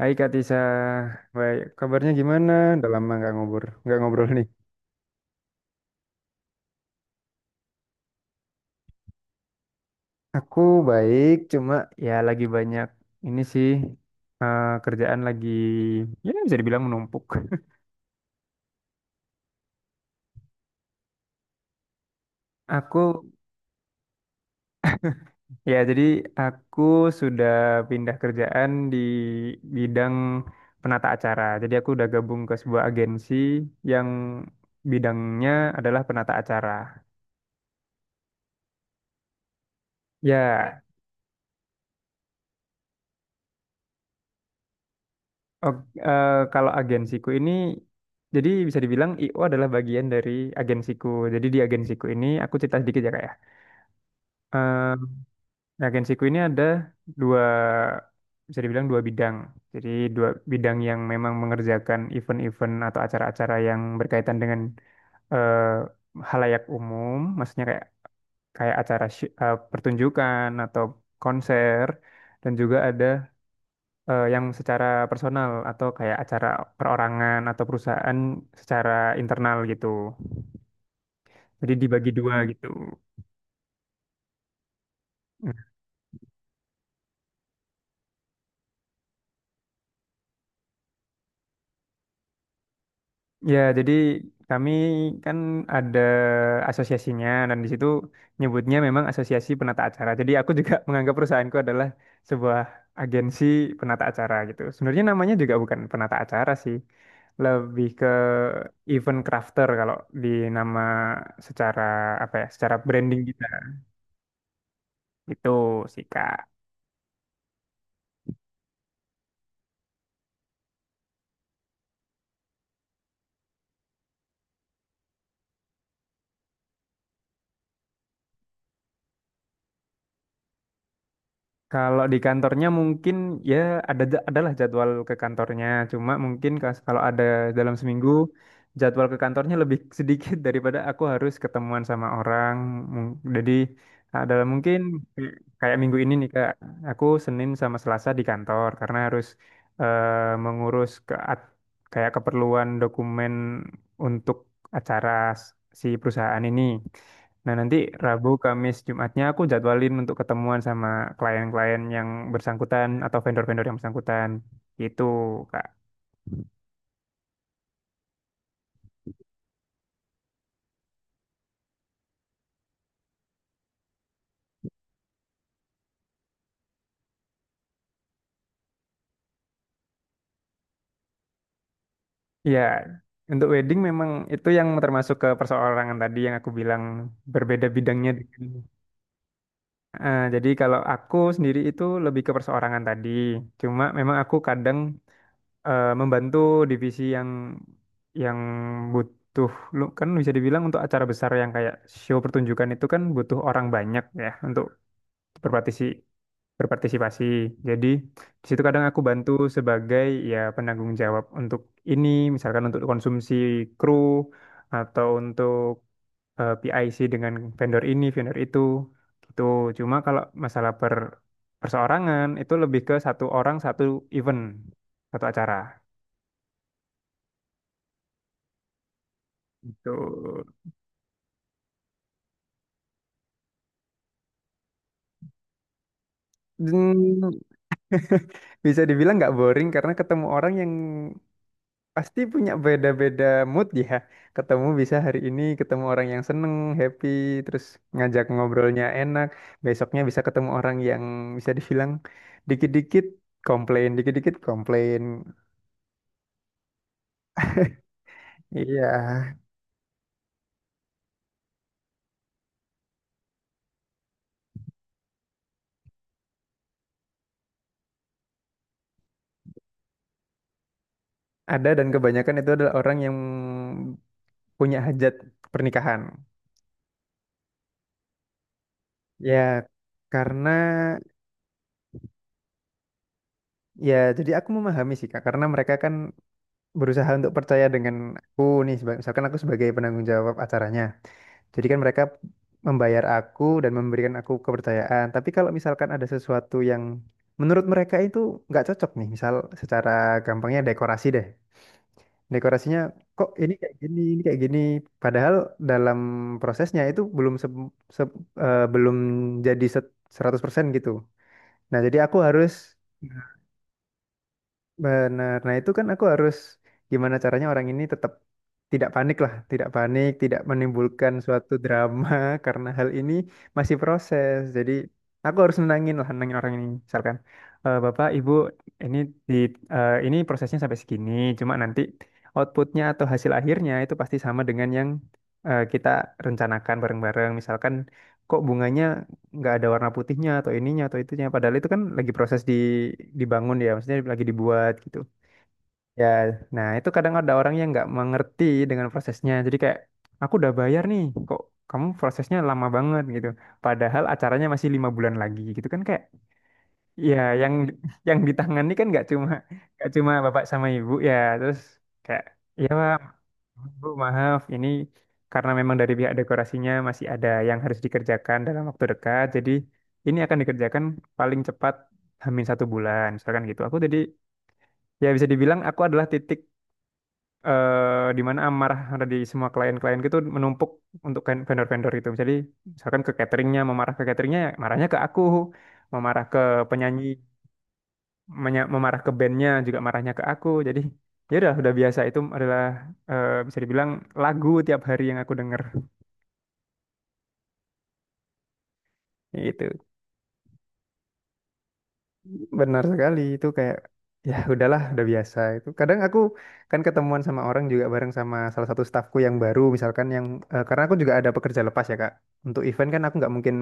Hai Kak Tisa, baik. Kabarnya gimana? Udah lama nggak ngobrol nih. Aku baik, cuma ya lagi banyak ini sih, kerjaan lagi ya bisa dibilang menumpuk. Aku ya jadi aku sudah pindah kerjaan di bidang penata acara. Jadi aku udah gabung ke sebuah agensi yang bidangnya adalah penata acara. Ya. Oh, kalau agensiku ini, jadi bisa dibilang IO adalah bagian dari agensiku. Jadi di agensiku ini, aku cerita sedikit ya kak ya. Eh, di agensiku ini ada dua, bisa dibilang dua bidang. Jadi dua bidang yang memang mengerjakan event-event atau acara-acara yang berkaitan dengan halayak umum, maksudnya kayak kayak acara pertunjukan atau konser, dan juga ada yang secara personal atau kayak acara perorangan atau perusahaan secara internal gitu. Jadi dibagi dua gitu. Nah. Ya, jadi kami kan ada asosiasinya dan di situ nyebutnya memang asosiasi penata acara. Jadi aku juga menganggap perusahaanku adalah sebuah agensi penata acara gitu. Sebenarnya namanya juga bukan penata acara sih. Lebih ke event crafter kalau di nama secara apa ya, secara branding kita. Itu sih, Kak. Kalau di kantornya mungkin ya ada adalah jadwal ke kantornya, cuma mungkin kalau ada dalam seminggu jadwal ke kantornya lebih sedikit daripada aku harus ketemuan sama orang. Jadi adalah mungkin kayak kayak minggu ini nih Kak, aku Senin sama Selasa di kantor karena harus eh, mengurus ke kayak keperluan dokumen untuk acara s- si perusahaan ini. Nah, nanti Rabu, Kamis, Jumatnya aku jadwalin untuk ketemuan sama klien-klien yang bersangkutan atau vendor-vendor yang bersangkutan. Gitu, Kak. Ya, untuk wedding memang itu yang termasuk ke perseorangan tadi yang aku bilang berbeda bidangnya. Jadi kalau aku sendiri itu lebih ke perseorangan tadi. Cuma memang aku kadang membantu divisi yang butuh lu kan bisa dibilang untuk acara besar yang kayak show pertunjukan itu kan butuh orang banyak ya untuk berpartisi- berpartisipasi. Jadi di situ kadang aku bantu sebagai ya penanggung jawab untuk ini, misalkan untuk konsumsi kru atau untuk PIC dengan vendor ini, vendor itu, gitu. Cuma kalau masalah perseorangan itu lebih ke satu orang satu event, satu acara. Itu bisa dibilang nggak boring karena ketemu orang yang pasti punya beda-beda mood ya. Ketemu bisa hari ini ketemu orang yang seneng, happy, terus ngajak ngobrolnya enak. Besoknya bisa ketemu orang yang bisa dibilang dikit-dikit komplain, dikit-dikit komplain. Iya, ada dan kebanyakan itu adalah orang yang punya hajat pernikahan. Ya, karena ya jadi aku memahami sih Kak, karena mereka kan berusaha untuk percaya dengan aku nih, misalkan aku sebagai penanggung jawab acaranya. Jadi kan mereka membayar aku dan memberikan aku kepercayaan. Tapi kalau misalkan ada sesuatu yang menurut mereka itu nggak cocok nih, misal secara gampangnya dekorasi deh. Dekorasinya kok ini kayak gini, ini kayak gini. Padahal dalam prosesnya itu belum se- belum jadi 100% gitu. Nah, jadi aku harus benar. Nah, itu kan aku harus gimana caranya orang ini tetap tidak panik lah, tidak panik, tidak menimbulkan suatu drama karena hal ini masih proses. Jadi aku harus nenangin lah, nenangin orang ini. Misalkan, "Eh, Bapak, Ibu, ini di ini prosesnya sampai segini, cuma nanti outputnya atau hasil akhirnya itu pasti sama dengan yang kita rencanakan bareng-bareng. Misalkan kok bunganya nggak ada warna putihnya atau ininya atau itunya padahal itu kan lagi proses di dibangun ya maksudnya lagi dibuat gitu ya." Nah itu kadang ada orang yang nggak mengerti dengan prosesnya jadi kayak, "Aku udah bayar nih kok kamu prosesnya lama banget gitu." Padahal acaranya masih 5 bulan lagi gitu kan kayak ya yang yang ditangani kan nggak cuma bapak sama ibu ya terus kayak ya, "Bu, maaf, ini karena memang dari pihak dekorasinya masih ada yang harus dikerjakan dalam waktu dekat. Jadi ini akan dikerjakan paling cepat hamin 1 bulan," misalkan gitu. Aku jadi ya bisa dibilang aku adalah titik di mana amarah dari semua klien-klien gitu menumpuk untuk vendor-vendor itu. Jadi misalkan ke cateringnya, memarah ke cateringnya, ya marahnya ke aku, memarah ke penyanyi, memarah ke bandnya juga marahnya ke aku. Jadi ya udah biasa itu adalah bisa dibilang lagu tiap hari yang aku denger. Itu benar sekali itu kayak ya udahlah udah biasa itu. Kadang aku kan ketemuan sama orang juga bareng sama salah satu stafku yang baru misalkan karena aku juga ada pekerja lepas ya Kak. Untuk event kan aku nggak mungkin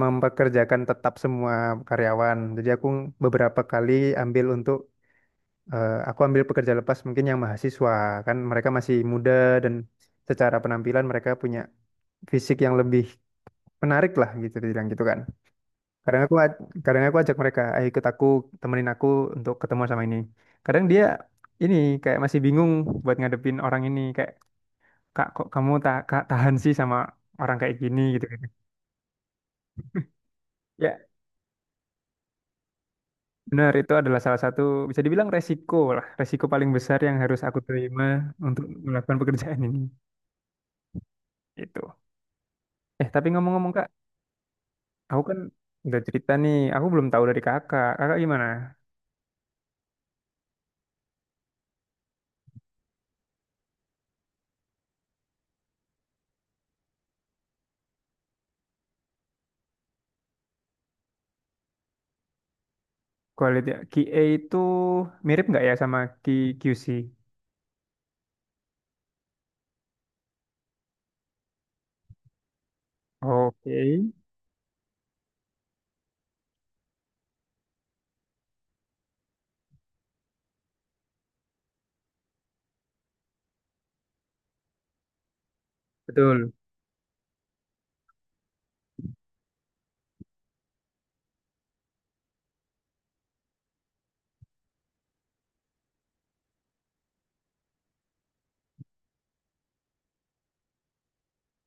mempekerjakan tetap semua karyawan. Jadi aku beberapa kali ambil untuk aku ambil pekerja lepas mungkin yang mahasiswa kan mereka masih muda dan secara penampilan mereka punya fisik yang lebih menarik lah gitu dibilang gitu kan. Kadang aku aj- Kadang aku ajak mereka, ayo ikut aku, temenin aku untuk ketemu sama ini. Kadang dia ini kayak masih bingung buat ngadepin orang ini kayak, "Kak, kok kamu tak tahan sih sama orang kayak gini gitu kan." Ya, benar itu adalah salah satu bisa dibilang resiko lah, resiko paling besar yang harus aku terima untuk melakukan pekerjaan ini. Itu tapi ngomong-ngomong Kak, aku kan udah cerita nih, aku belum tahu dari Kakak. Kakak gimana? Kualitas QA itu mirip nggak ya sama QC? Oke. Betul,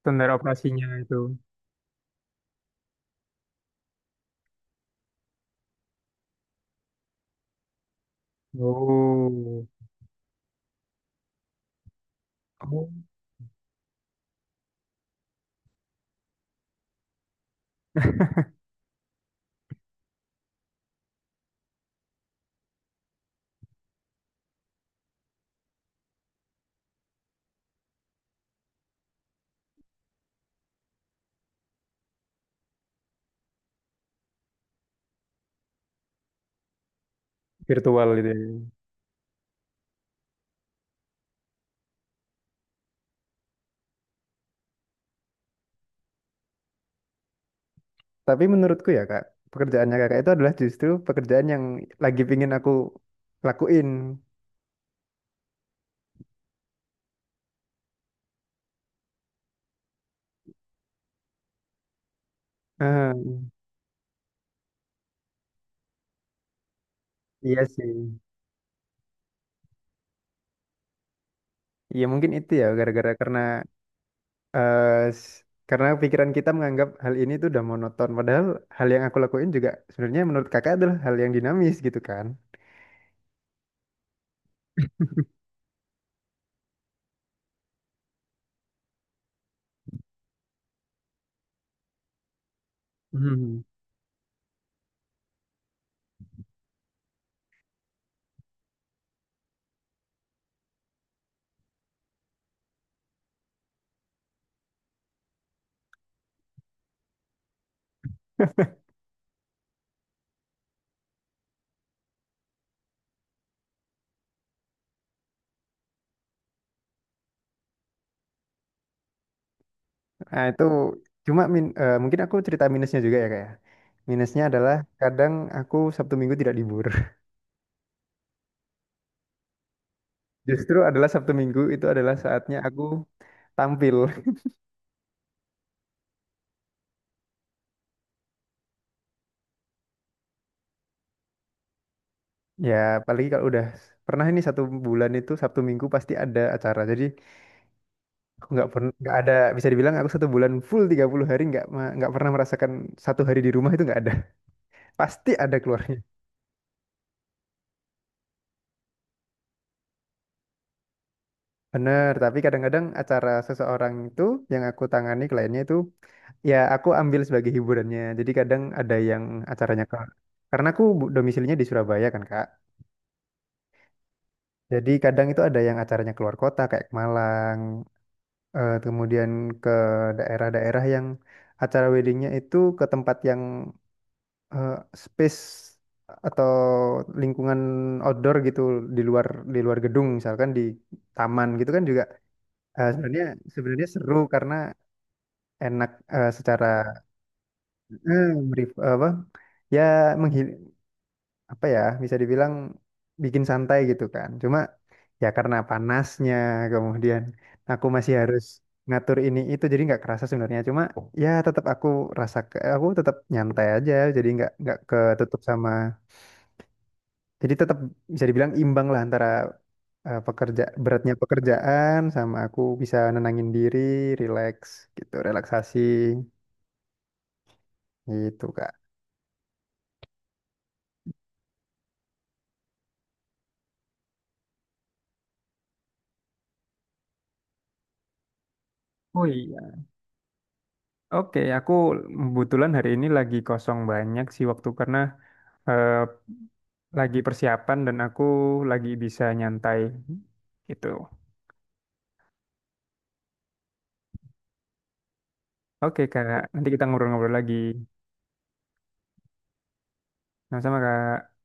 standar operasinya itu. Oh. Oh. Virtual itu ya. Tapi menurutku ya kak, pekerjaannya kakak itu adalah justru pekerjaan yang lagi pingin aku lakuin. Ah, iya sih. Iya mungkin itu ya gara-gara karena eh, s- karena pikiran kita menganggap hal ini tuh udah monoton. Padahal hal yang aku lakuin juga sebenarnya menurut kakak adalah hal yang dinamis gitu kan. Nah, itu cuma mungkin aku cerita minusnya juga ya kayak. Minusnya adalah kadang aku Sabtu Minggu tidak libur. Justru adalah Sabtu Minggu itu adalah saatnya aku tampil. Ya, apalagi kalau udah pernah ini satu bulan itu Sabtu Minggu pasti ada acara. Jadi aku nggak pernah nggak ada, bisa dibilang aku satu bulan full 30 hari nggak pernah merasakan satu hari di rumah itu nggak ada. Pasti ada keluar. Bener, tapi kadang-kadang acara seseorang itu yang aku tangani kliennya itu ya aku ambil sebagai hiburannya. Jadi kadang ada yang acaranya ke karena aku domisilinya di Surabaya kan Kak. Jadi kadang itu ada yang acaranya keluar kota kayak ke Malang, kemudian ke daerah-daerah yang acara weddingnya itu ke tempat yang eh, space atau lingkungan outdoor gitu di luar di luar gedung misalkan di taman gitu kan juga. Sebenarnya sebenarnya seru karena enak secara eh, beri, apa ya menghil apa ya bisa dibilang bikin santai gitu kan cuma ya karena panasnya kemudian aku masih harus ngatur ini itu jadi nggak kerasa sebenarnya cuma ya tetap aku aku tetap nyantai aja jadi nggak ketutup sama jadi tetap bisa dibilang imbang lah antara pekerja beratnya pekerjaan sama aku bisa nenangin diri relax gitu relaksasi gitu kak. Oh iya. Oke, aku kebetulan hari ini lagi kosong banyak sih waktu karena eh, lagi persiapan dan aku lagi bisa nyantai gitu. Oke, Kak. Nanti kita ngobrol-ngobrol lagi. Sama-sama, Kak.